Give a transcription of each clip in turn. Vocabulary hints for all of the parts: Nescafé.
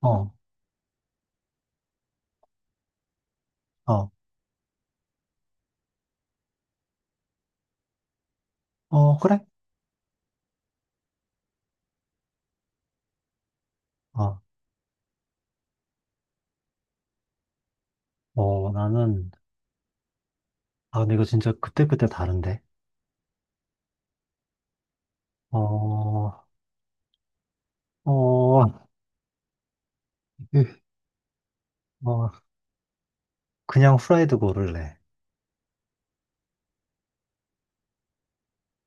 어, 어, 그래? 어, 나는, 근데 이거 진짜 그때그때 다른데? 어, 어, 으, 어, 그냥 후라이드 고를래.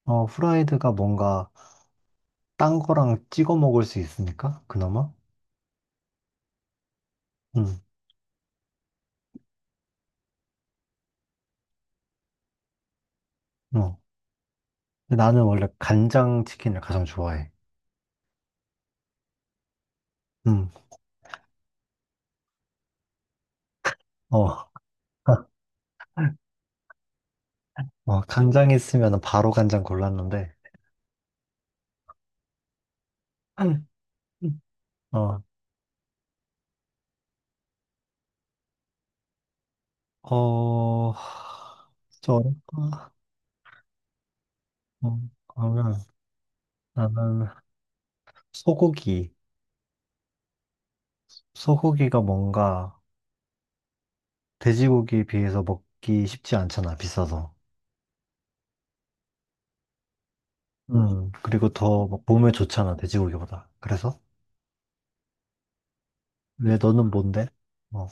후라이드가 뭔가 딴 거랑 찍어 먹을 수 있으니까, 그나마? 응, 어. 근데 나는 원래 간장 치킨을 가장 좋아해. 응, 어, 간장 있으면 바로 간장 골랐는데, 음, 음. 어, 어, 저, 어, 그러면 나는 소고기. 소고기가 뭔가 돼지고기에 비해서 먹기 쉽지 않잖아, 비싸서. 그리고 더막 몸에 좋잖아, 돼지고기보다. 그래서? 왜 너는 뭔데? 어,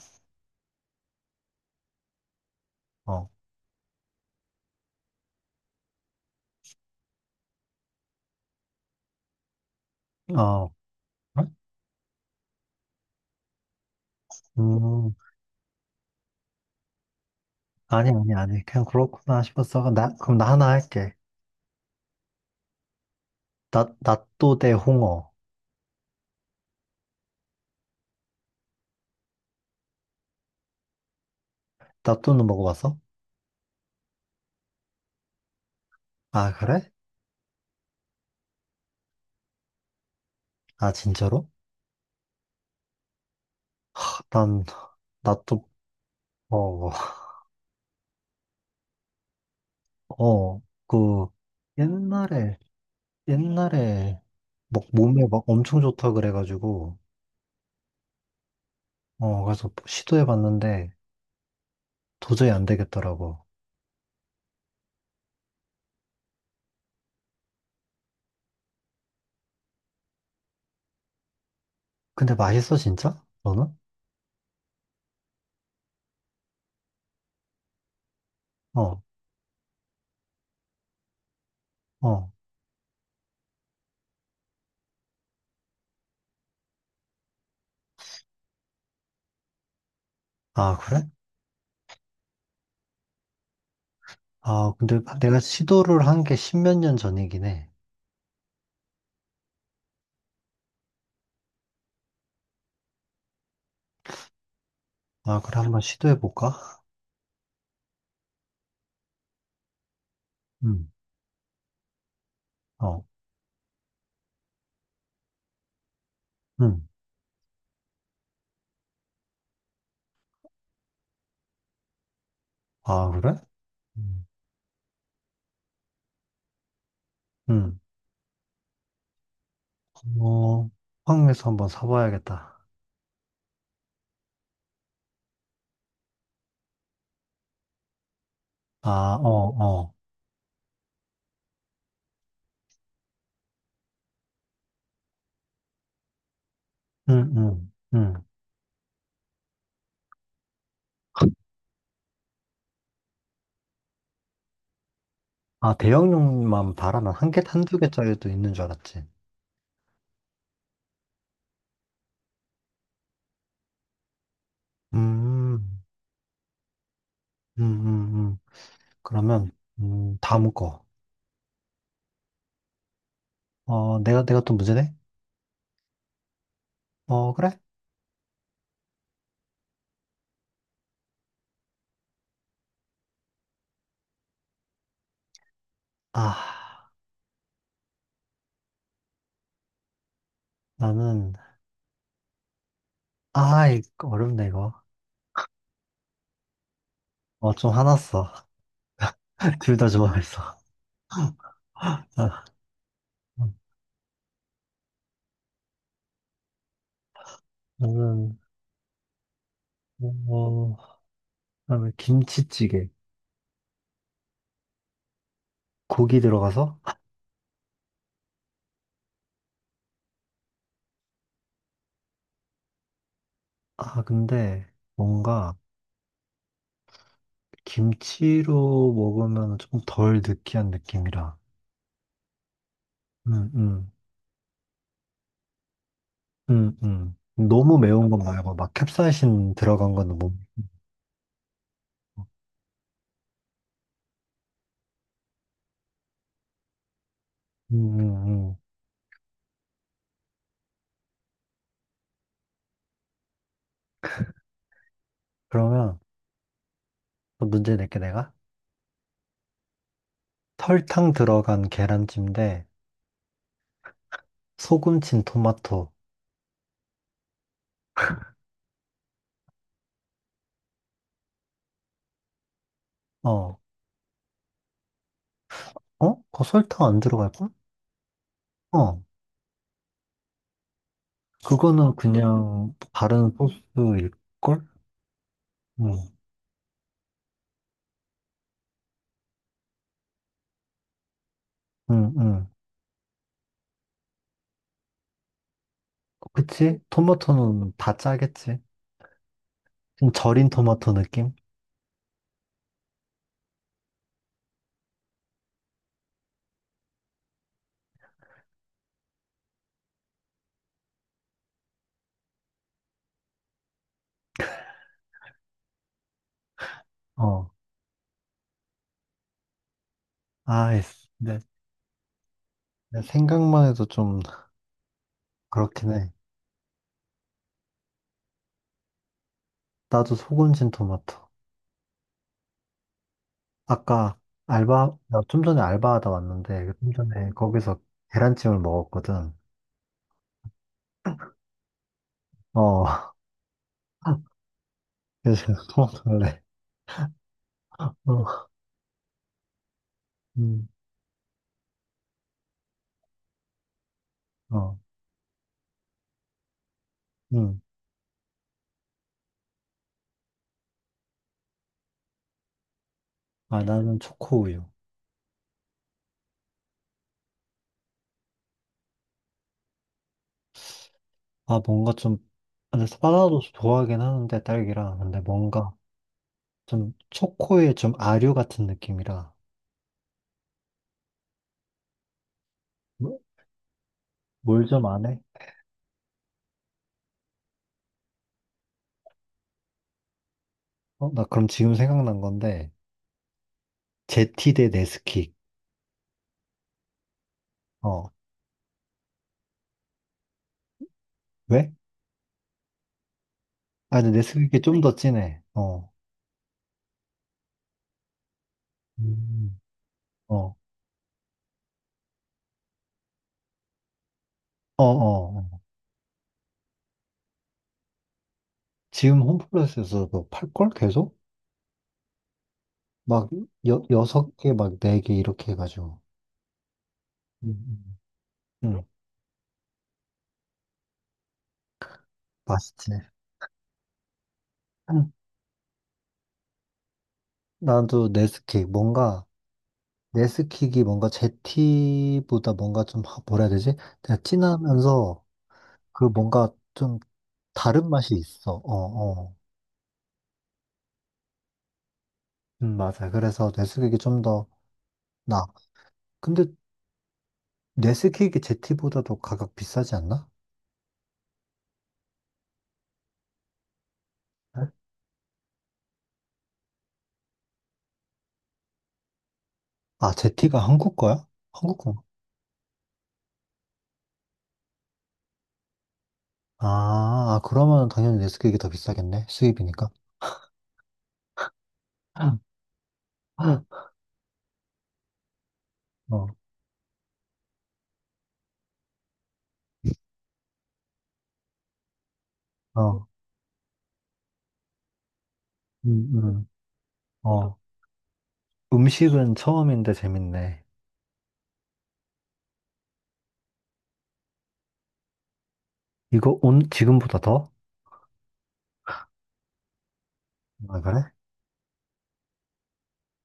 어, 어. 음, 아니, 아니, 아니. 그냥 그렇구나 싶었어. 나, 그럼 나 하나 할게. 나, 낫또 대 홍어. 낫또는 먹어봤어? 아, 그래? 아, 진짜로? 난, 낫또, 어, 어, 그, 옛날에 옛날에 막 몸에 막 엄청 좋다 그래가지고 가서 시도해봤는데 도저히 안 되겠더라고. 근데 맛있어 진짜? 너는? 어, 어. 아 그래? 아 근데 내가 시도를 한 게 십몇 년 전이긴 해. 아 그래 한번 시도해볼까? 음, 어, 음. 아 그래? 음, 음. 어, 황에서 한번 사봐야겠다. 아, 어, 어. 음, 음, 음. 아 대형용만 바라면 한 개, 한 두 개짜리도 있는 줄 알았지. 음, 음, 음, 음. 그러면, 다음 거. 내가 또 문제 네 어, 그래? 아, 나는, 아, 이거 어렵네, 이거. 어, 좀 화났어. 둘 다 좋아했어. 아, 나는, 어, 그다음에 김치찌개. 고기 들어가서? 아, 근데, 뭔가, 김치로 먹으면 조금 덜 느끼한 느낌이라. 음, 음, 음, 음. 너무 매운 건 말고, 막 캡사이신 들어간 건 못. 음, 음, 음. 그러면 또 문제 낼게 내가. 설탕 들어간 계란찜 대 소금 친 토마토. 어, 어? 그 설탕 안 들어갈걸? 어, 그거는 그냥 바른 소스일걸? 응, 응, 응. 그치? 토마토는 다 짜겠지. 좀 절인 토마토 느낌? 어, 아이씨. 네. 생각만 해도 좀 그렇긴 해. 나도 소금 친 토마토. 아까 나 좀 전에 알바하다 왔는데, 좀 전에 거기서 계란찜을 먹었거든. 어, 그래서 토마토 할래. 어, 음, 어, 음. 아, 나는 초코우유. 아, 뭔가 좀, 아, 근데 사나도 좋아하긴 하는데, 딸기랑. 근데 뭔가 좀 초코의 좀 아류 같은 느낌이라. 뭐, 뭘좀 안 해? 어, 나 그럼 지금 생각난 건데, 제티 대 네스킥. 어, 왜? 아, 근데 네스킥이 좀 더 진해. 어, 음. 어, 어, 어. 어. 지금 홈플러스에서도 팔걸 계속? 막 여섯 개, 막 네 개 이렇게 해가지고. 음, 음, 음, 맛있지. 음. 나도 네스킥, 뭔가, 네스킥이 뭔가 제티보다 뭔가 좀, 뭐라 해야 되지? 그냥 진하면서 그 뭔가 좀 다른 맛이 있어. 어, 어. 맞아. 그래서 네스킥이 좀 더 나. 근데 네스킥이 제티보다도 가격 비싸지 않나? 네? 아, 제티가 한국 거야? 한국 거 아, 아, 그러면 당연히 네스킥이 더 비싸겠네. 수입이니까. 어, 어, 음, 음, 어. 음식은 처음인데 재밌네. 이거 온, 지금보다 더? 아, 그래?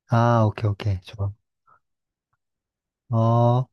아, 오케이, 오케이. 좋아. 어,